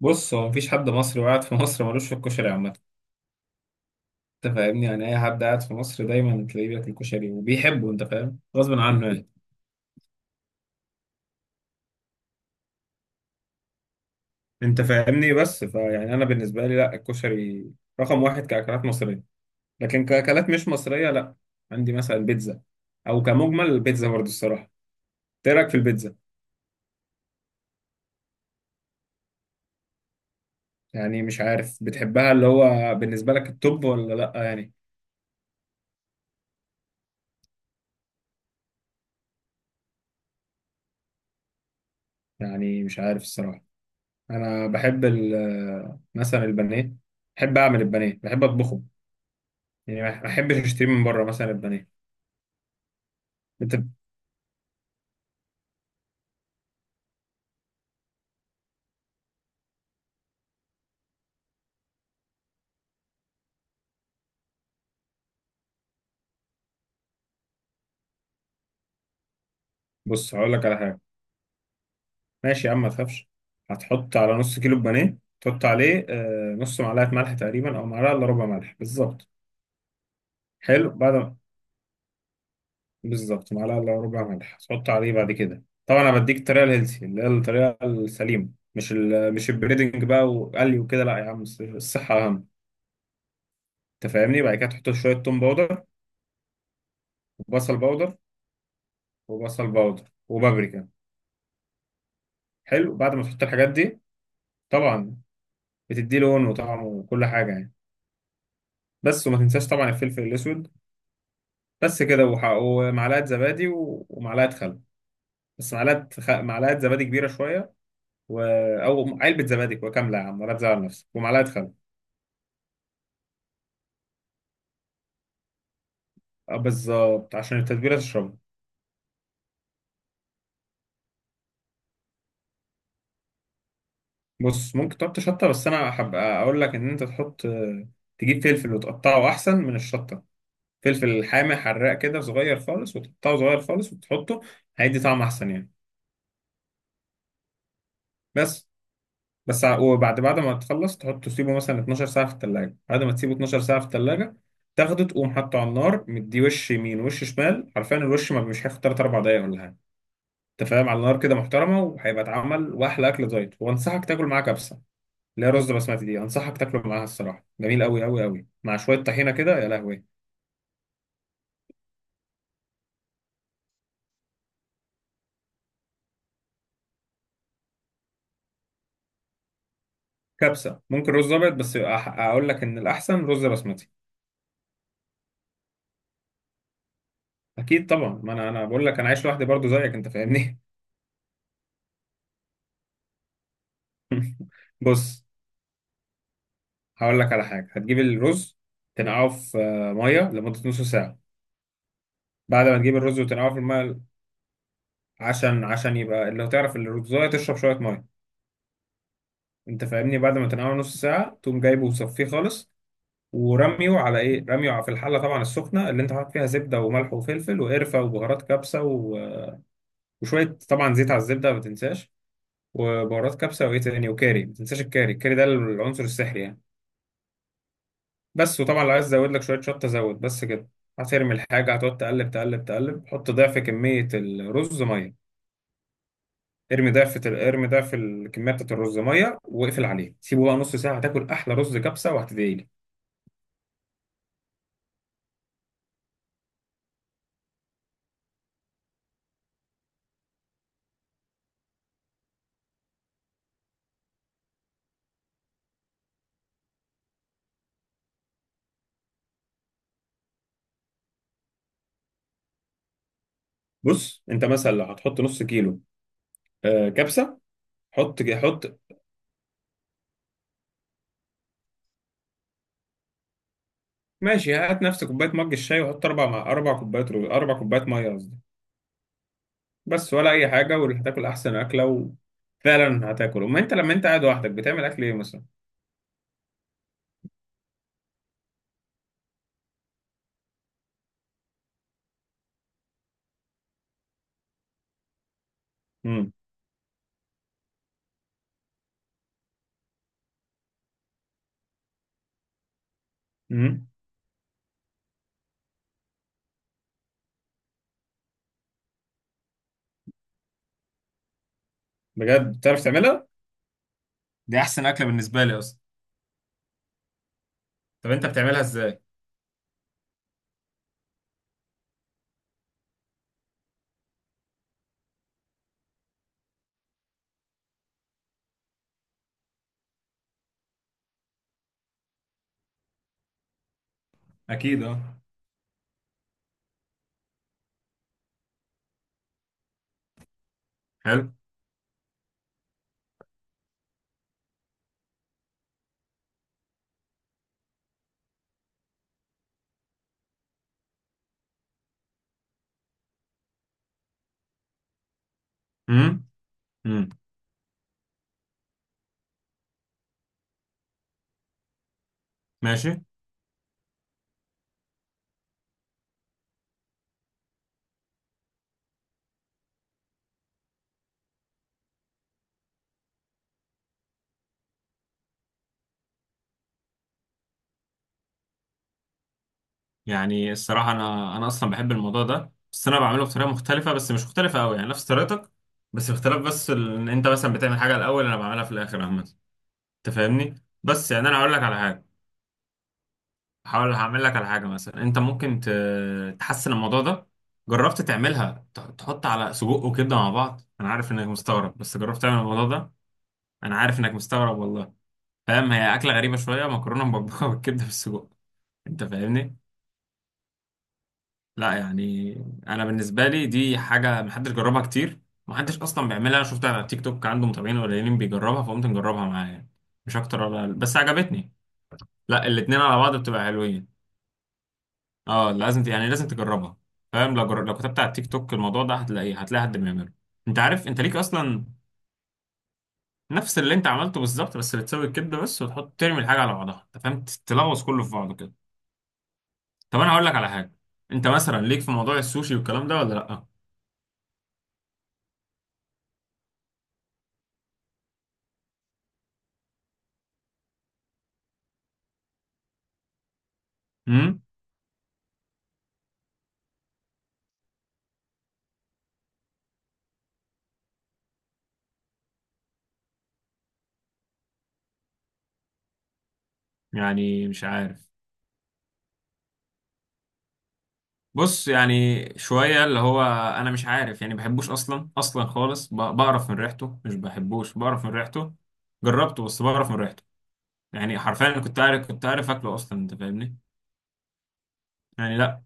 بص هو مفيش حد مصري وقاعد في مصر ملوش في الكشري عامة. انت فاهمني؟ يعني اي حد قاعد في مصر دايما تلاقيه بياكل كشري وبيحبه، انت فاهم، غصب عنه يعني. انت فاهمني، بس فيعني انا بالنسبة لي لا، الكشري رقم واحد كأكلات مصرية، لكن كأكلات مش مصرية لا. عندي مثلا بيتزا، او كمجمل البيتزا برضه الصراحة. ايه رأيك في البيتزا؟ يعني مش عارف بتحبها، اللي هو بالنسبة لك التوب ولا لا يعني؟ يعني مش عارف الصراحة. انا بحب مثلا البانيه، بحب اعمل البانيه، بحب اطبخه يعني، ما احبش اشتري من بره مثلا البانيه. انت؟ بص هقول لك على حاجه، ماشي يا عم ما تخافش. هتحط على نص كيلو بانيه، تحط عليه نص معلقه ملح تقريبا، او معلقه الا ربع ملح بالظبط. حلو بعد بالظبط معلقه الا ربع ملح. هتحط عليه بعد كده طبعا، انا بديك الطريقه الهيلثي اللي هي الطريقه السليمه، مش البريدنج بقى وقلي وكده، لا يا عم، الصحه اهم. انت فاهمني؟ بعد كده تحط شويه توم باودر، وبصل باودر وبصل باودر وبابريكا. حلو بعد ما تحط الحاجات دي، طبعا بتدي لون وطعم وكل حاجة يعني. بس وما تنساش طبعا الفلفل الأسود. بس كده، ومعلقة زبادي ومعلقة خل. بس معلقة زبادي كبيرة شوية. و... أو علبة زبادي كاملة يا عم ولا تزعل نفسك، ومعلقة خل. بالظبط، عشان التتبيلة تشربها. بص ممكن تحط شطة، بس أنا أحب أقول لك إن أنت تحط، تجيب فلفل وتقطعه أحسن من الشطة. فلفل حامي حراق كده صغير خالص، وتقطعه صغير خالص وتحطه، هيدي طعم أحسن يعني. بس. وبعد ما تخلص تحطه، تسيبه مثلا 12 ساعة في التلاجة. بعد ما تسيبه 12 ساعة في التلاجة، تاخده تقوم حاطه على النار، مدي وش يمين وش شمال حرفيا، الوش ما مش هياخد 3 4 دقايق ولا حاجة. انت فاهم؟ على النار كده محترمة وهيبقى اتعمل، واحلى اكل دايت، وانصحك تاكل معاه كبسة، اللي هي رز بسمتي دي، انصحك تاكله معاها، الصراحة جميل قوي قوي قوي، مع شوية طحينة كده، يا لهوي. كبسة، ممكن رز ابيض، بس اقول لك ان الاحسن رز بسمتي. اكيد طبعا، ما انا بقول لك انا عايش لوحدي برضو زيك، انت فاهمني. بص هقول لك على حاجة. هتجيب الرز، تنقعه في مية لمدة نص ساعة. بعد ما تجيب الرز وتنقعه في المية، عشان يبقى اللي هتعرف ان الرزاية تشرب شوية مية، انت فاهمني؟ بعد ما تنقعه نص ساعة، تقوم جايبه وصفيه خالص، ورميه على ايه رميه على- في الحلة طبعا السخنة، اللي انت حاطط فيها زبدة وملح وفلفل وقرفة وبهارات كبسة وشوية طبعا زيت على الزبدة، ما تنساش. وبهارات كبسة، وايه تاني، وكاري، ما تنساش الكاري ده العنصر السحري يعني. بس. وطبعا لو عايز ازود لك شويه شطه زود، بس كده. هترمي الحاجه، هتقعد تقلب تقلب تقلب، حط ضعف كميه الرز ميه. ارمي ضعف الكميه بتاعت الرز ميه، واقفل عليه، سيبه بقى نص ساعه، هتاكل احلى رز كبسه، وهتدعي لي. بص انت مثلا لو هتحط نص كيلو كبسه. حط، حط. ماشي هات نفس كوبايه مج الشاي، وحط اربع، مع اربع كوبايات رز، اربع كوبايات ميه قصدي. بس، ولا اي حاجه، وهتاكل احسن اكله. وفعلا هتاكل. اما انت لما انت قاعد لوحدك بتعمل اكل ايه مثلا؟ امم. امم. بجد بتعرف تعملها؟ دي احسن اكله بالنسبه لي اصلا. طب انت بتعملها ازاي؟ اكيد، اه. حلو. امم. امم. ماشي. يعني الصراحه انا اصلا بحب الموضوع ده، بس انا بعمله بطريقه مختلفه، بس مش مختلفه قوي، يعني نفس طريقتك، بس اختلاف، بس ان انت مثلا بتعمل حاجه الاول انا بعملها في الاخر عامه. انت فاهمني؟ بس يعني انا هقول لك على حاجه. هحاول هعمل لك على حاجه، مثلا انت ممكن تحسن الموضوع ده. جربت تعملها، تحط على سجق وكبده مع بعض؟ انا عارف انك مستغرب، بس جربت تعمل الموضوع ده؟ انا عارف انك مستغرب والله. فاهم، هي أكلة غريبة شوية، مكرونة مبكبكة بالكبدة بالسجق، أنت فاهمني؟ لا يعني، أنا بالنسبة لي دي حاجة محدش جربها كتير. محدش أصلا بيعملها. أنا شفتها على تيك توك، عنده متابعين قليلين بيجربها، فقمت نجربها معاه يعني. مش أكتر ولا أقل. بس عجبتني. لا، الاتنين على بعض بتبقى حلوين. أه لازم يعني لازم تجربها. فاهم؟ لو لو كتبت على التيك توك الموضوع ده هتلاقيه، هتلاقي حد بيعمله. أنت عارف، أنت ليك أصلا. نفس اللي أنت عملته بالظبط، بس بتسوي الكبدة بس، وتحط ترمي الحاجة على بعضها، أنت فاهم، تلغوص كله في بعضه كده. طب انا هقول لك على حاجه، انت مثلا ليك في موضوع السوشي والكلام ده ولا لا؟ امم. يعني مش عارف. بص يعني شويه، اللي هو انا مش عارف يعني بحبوش اصلا، اصلا خالص، بقرف من ريحته، مش بحبوش، بقرف من ريحته. جربته، بس بقرف من ريحته. يعني حرفيا أنا كنت عارف اكله اصلا، انت فاهمني؟ يعني لا.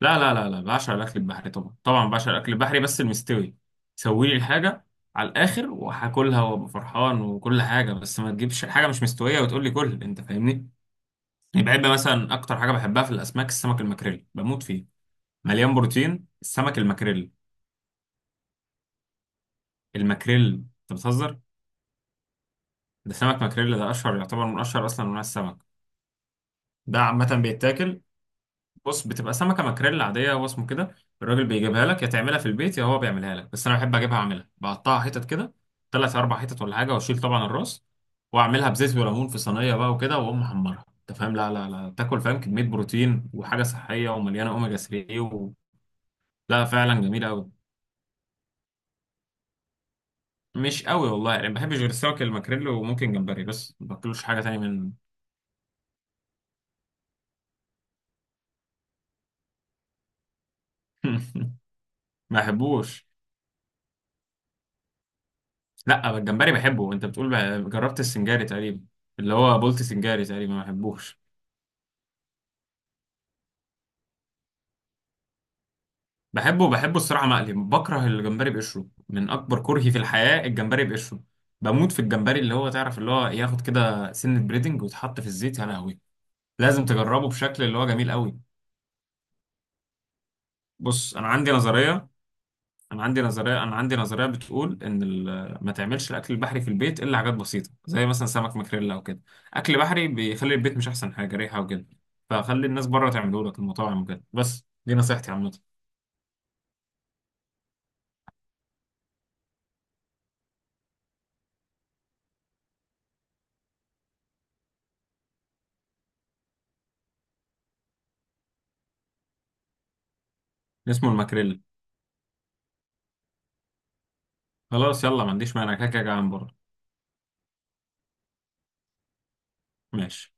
لا، لا، لا، لا بعشق الاكل البحري طبعا، طبعا بعشق الاكل البحري، بس المستوي، سوي لي الحاجه على الاخر، وهاكلها وابقى فرحان وكل حاجه، بس ما تجيبش حاجه مش مستويه وتقول لي كل، انت فاهمني؟ يبقى مثلا اكتر حاجه بحبها في الاسماك، السمك المكريل، بموت فيه. مليان بروتين السمك المكريل. المكريل، انت بتهزر؟ ده سمك مكريل، ده اشهر، يعتبر من اشهر اصلا انواع السمك. ده عامه بيتاكل. بص بتبقى سمكه مكريل عاديه، هو اسمه كده. الراجل بيجيبها لك، يا تعملها في البيت يا هو بيعملها لك، بس انا بحب اجيبها اعملها، بقطعها حتت كده، ثلاث اربع حتت ولا حاجه، واشيل طبعا الراس، واعملها بزيت وليمون في صينيه بقى وكده، واقوم محمرها. انت فاهم؟ لا لا لا، تاكل، فاهم، كميه بروتين وحاجه صحيه ومليانه اوميجا 3 لا فعلا جميله قوي. مش قوي والله يعني، ما بحبش غير السمك الماكريل، وممكن جمبري، بس ما باكلوش حاجه تانية من. ما بحبوش. لا، الجمبري بحبه. انت بتقول جربت السنجاري تقريبا، اللي هو بولت سنجاري تقريبا، ما بحبوش. بحبه، بحبه الصراحه مقلي. بكره الجمبري بقشره، من اكبر كرهي في الحياه الجمبري بقشره. بموت في الجمبري اللي هو، تعرف اللي هو ياخد كده سنه بريدنج ويتحط في الزيت، يا لهوي. لازم تجربه، بشكل اللي هو جميل قوي. بص انا عندي نظريه، انا عندي نظريه بتقول ان ما تعملش الاكل البحري في البيت الا حاجات بسيطه زي مثلا سمك ماكريلا او كده. اكل بحري بيخلي البيت مش احسن حاجه، ريحه وكده، فخلي الناس بره تعمله لك المطاعم وكده، بس دي نصيحتي عامه. اسمه الماكريلا. خلاص يلا، ما عنديش مانع، كده كده جعان بره. ماشي.